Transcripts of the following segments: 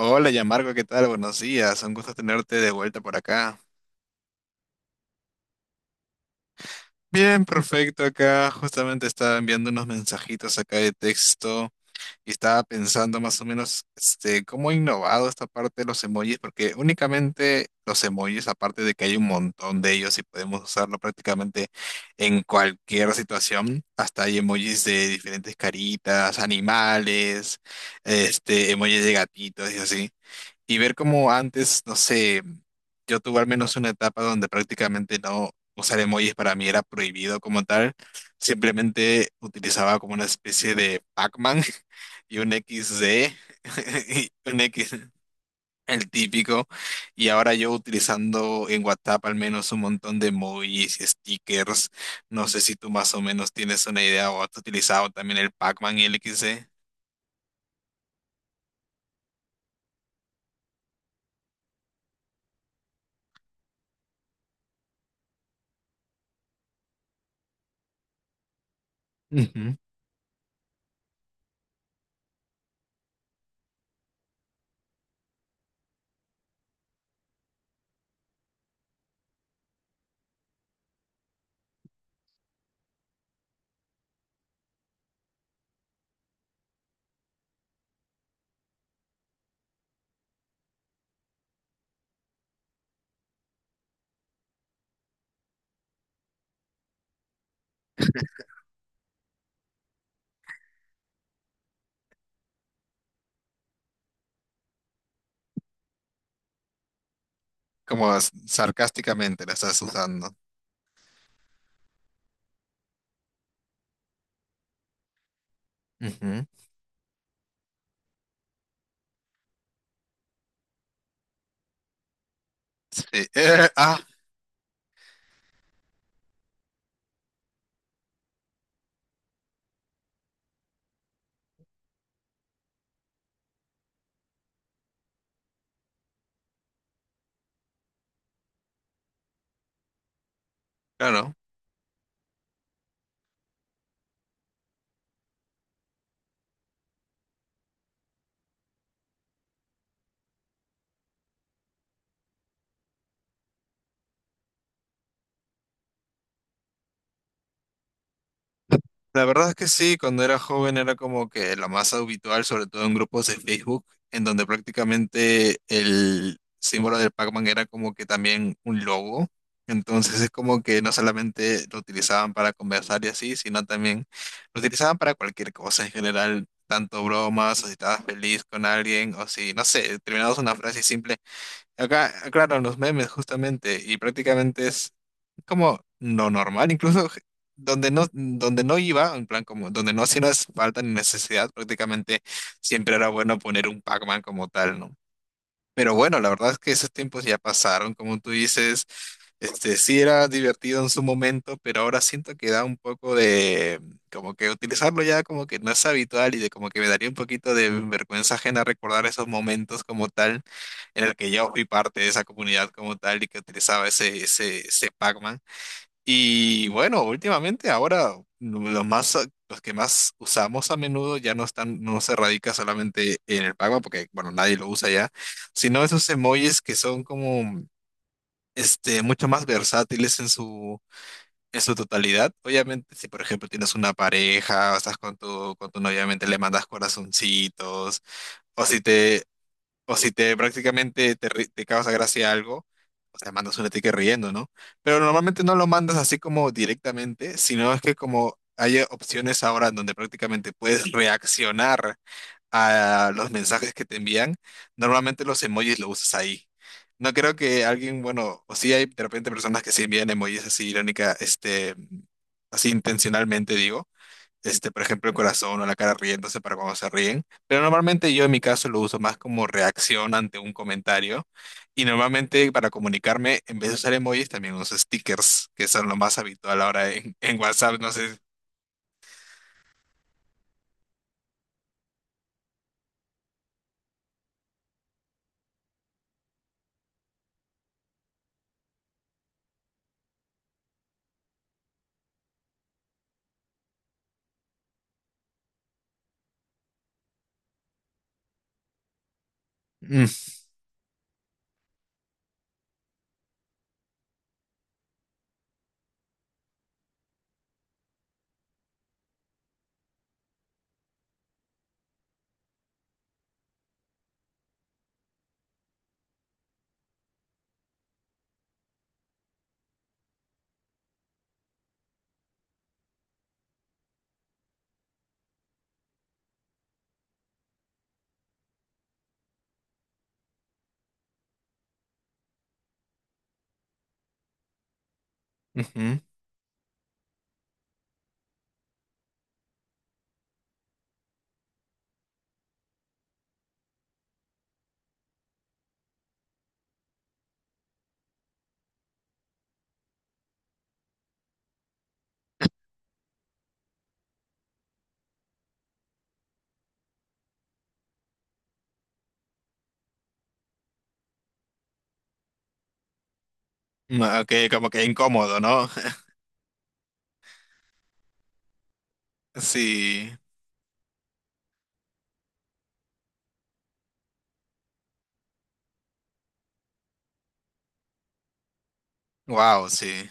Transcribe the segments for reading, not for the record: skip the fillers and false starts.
Hola, Yamarco, ¿qué tal? Buenos días, un gusto tenerte de vuelta por acá. Bien, perfecto, acá justamente estaba enviando unos mensajitos acá de texto y estaba pensando más o menos cómo ha innovado esta parte de los emojis, porque únicamente los emojis, aparte de que hay un montón de ellos y podemos usarlo prácticamente en cualquier situación, hasta hay emojis de diferentes caritas, animales, emojis de gatitos y así. Y ver cómo antes, no sé, yo tuve al menos una etapa donde prácticamente no usar emojis para mí era prohibido como tal. Simplemente utilizaba como una especie de Pac-Man y un XD, y un X, el típico. Y ahora yo utilizando en WhatsApp al menos un montón de emojis y stickers. No sé si tú más o menos tienes una idea o has utilizado también el Pac-Man y el XD. Ujú. Como sarcásticamente la estás usando. Ujú. Sí, claro. La verdad es que sí, cuando era joven era como que la masa habitual, sobre todo en grupos de Facebook, en donde prácticamente el símbolo del Pac-Man era como que también un logo. Entonces es como que no solamente lo utilizaban para conversar y así, sino también lo utilizaban para cualquier cosa en general, tanto bromas, o si estabas feliz con alguien, o si, no sé, terminabas una frase simple. Acá, claro, los memes justamente, y prácticamente es como lo normal, incluso donde no iba, en plan como donde no hacía falta ni necesidad, prácticamente siempre era bueno poner un Pac-Man como tal, ¿no? Pero bueno, la verdad es que esos tiempos ya pasaron, como tú dices, este sí era divertido en su momento, pero ahora siento que da un poco de como que utilizarlo ya como que no es habitual y de como que me daría un poquito de vergüenza ajena recordar esos momentos como tal en el que yo fui parte de esa comunidad como tal y que utilizaba ese Pac-Man. Y bueno, últimamente ahora los más, los que más usamos a menudo ya no están, no se radica solamente en el Pac-Man, porque bueno, nadie lo usa ya, sino esos emojis que son como mucho más versátiles en su totalidad. Obviamente, si por ejemplo tienes una pareja, o estás con tu novia, obviamente le mandas corazoncitos, o si te o si te prácticamente te causa gracia algo, o sea, mandas un sticker riendo, ¿no? Pero normalmente no lo mandas así como directamente, sino es que como hay opciones ahora en donde prácticamente puedes reaccionar a los mensajes que te envían, normalmente los emojis lo usas ahí. No creo que alguien, bueno, o sí hay de repente personas que sí envían emojis así irónica, así intencionalmente digo, por ejemplo, el corazón o la cara riéndose para cuando se ríen. Pero normalmente yo en mi caso lo uso más como reacción ante un comentario. Y normalmente para comunicarme, en vez de usar emojis, también uso stickers, que son lo más habitual ahora en WhatsApp. No sé. Mm, ujú. No, ok, como que incómodo, ¿no? Sí. Wow, sí.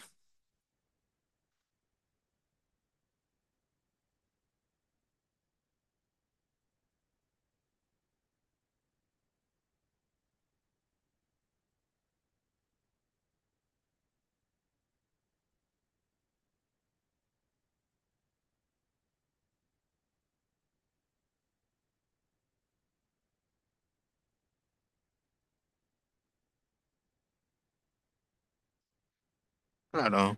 Claro.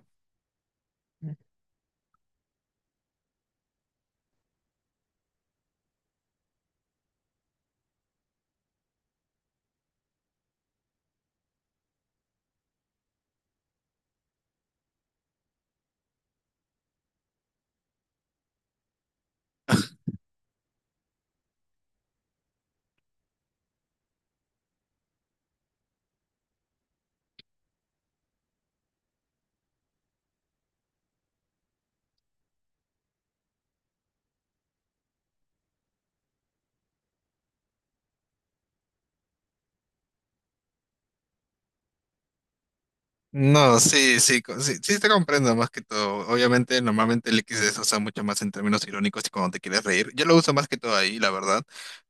No, sí, sí, sí, sí te comprendo más que todo. Obviamente, normalmente el XD se usa mucho más en términos irónicos y cuando te quieres reír. Yo lo uso más que todo ahí, la verdad.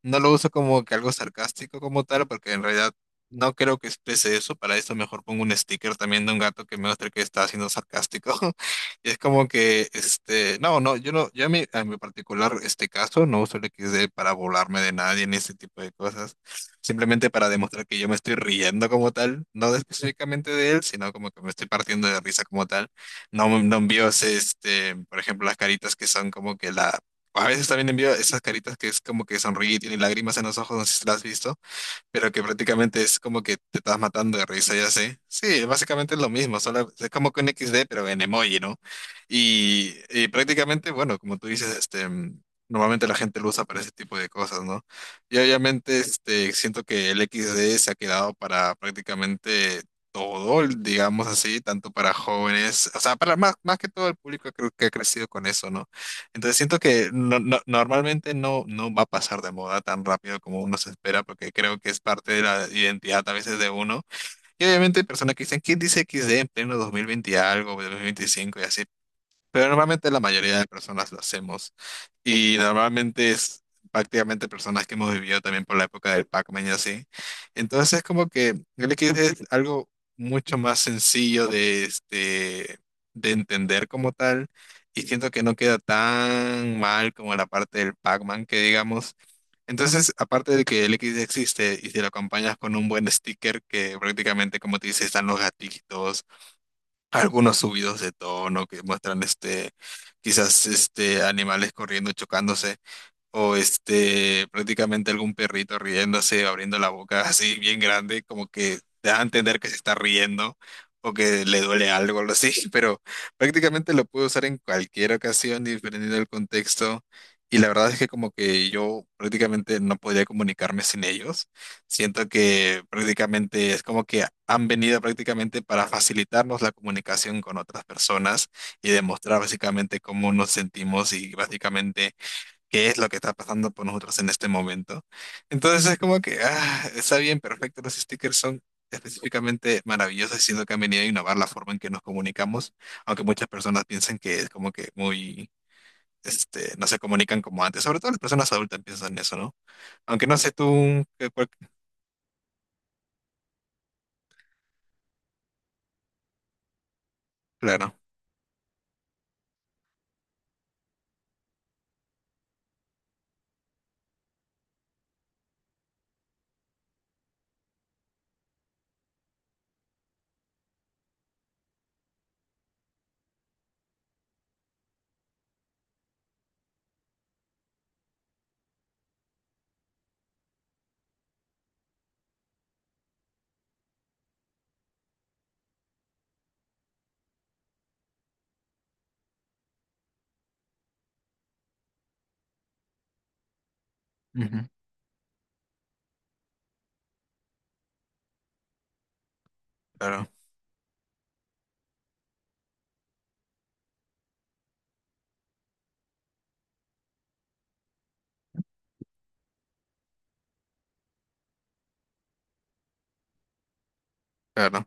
No lo uso como que algo sarcástico como tal, porque en realidad no creo que exprese eso. Para eso mejor pongo un sticker también de un gato que me muestre que está siendo sarcástico. Y es como que, no, no, yo a a mi particular este caso no uso el XD para burlarme de nadie ni ese tipo de cosas, simplemente para demostrar que yo me estoy riendo como tal, no de- específicamente de él, sino como que me estoy partiendo de risa como tal. No, no envío, ese, este, por ejemplo, las caritas que son como que la... A veces también envío esas caritas que es como que sonríe y tiene lágrimas en los ojos, no sé si las has visto, pero que prácticamente es como que te estás matando de risa, ya sé. Sí, básicamente es lo mismo, solo es como que un X D pero en emoji, ¿no? Y prácticamente, bueno, como tú dices, normalmente la gente lo usa para ese tipo de cosas, ¿no? Y obviamente, siento que el X D se ha quedado para prácticamente todo, digamos así, tanto para jóvenes, o sea, para más que todo el público creo que ha crecido con eso, ¿no? Entonces siento que normalmente no va a pasar de moda tan rápido como uno se espera, porque creo que es parte de la identidad a veces de uno. Y obviamente hay personas que dicen, ¿quién dice XD en pleno 2020 y algo, 2025 y así? Pero normalmente la mayoría de personas lo hacemos. Y normalmente es prácticamente personas que hemos vivido también por la época del Pac-Man y así. Entonces es como que el Liquid es algo mucho más sencillo de, de entender como tal. Y siento que no queda tan mal como la parte del Pac-Man que digamos. Entonces, aparte de que el Liquid existe y si lo acompañas con un buen sticker que prácticamente, como te dice, están los gatitos algunos subidos de tono que muestran quizás animales corriendo, chocándose o prácticamente algún perrito riéndose, abriendo la boca así bien grande, como que te da a entender que se está riendo o que le duele algo, algo así, pero prácticamente lo puedo usar en cualquier ocasión, dependiendo del contexto. Y la verdad es que como que yo prácticamente no podía comunicarme sin ellos. Siento que prácticamente es como que han venido prácticamente para facilitarnos la comunicación con otras personas y demostrar básicamente cómo nos sentimos y básicamente qué es lo que está pasando por nosotros en este momento. Entonces es como que, ah, está bien, perfecto, los stickers son específicamente maravillosos, siendo que han venido a innovar la forma en que nos comunicamos, aunque muchas personas piensan que es como que muy, no se comunican como antes, sobre todo las personas adultas piensan eso, ¿no? Aunque no sé tú, claro. Ujú. Claro, claro.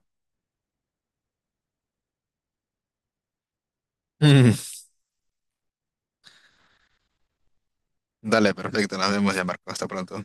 Mm, dale, perfecto, nos vemos ya, Marco, hasta pronto.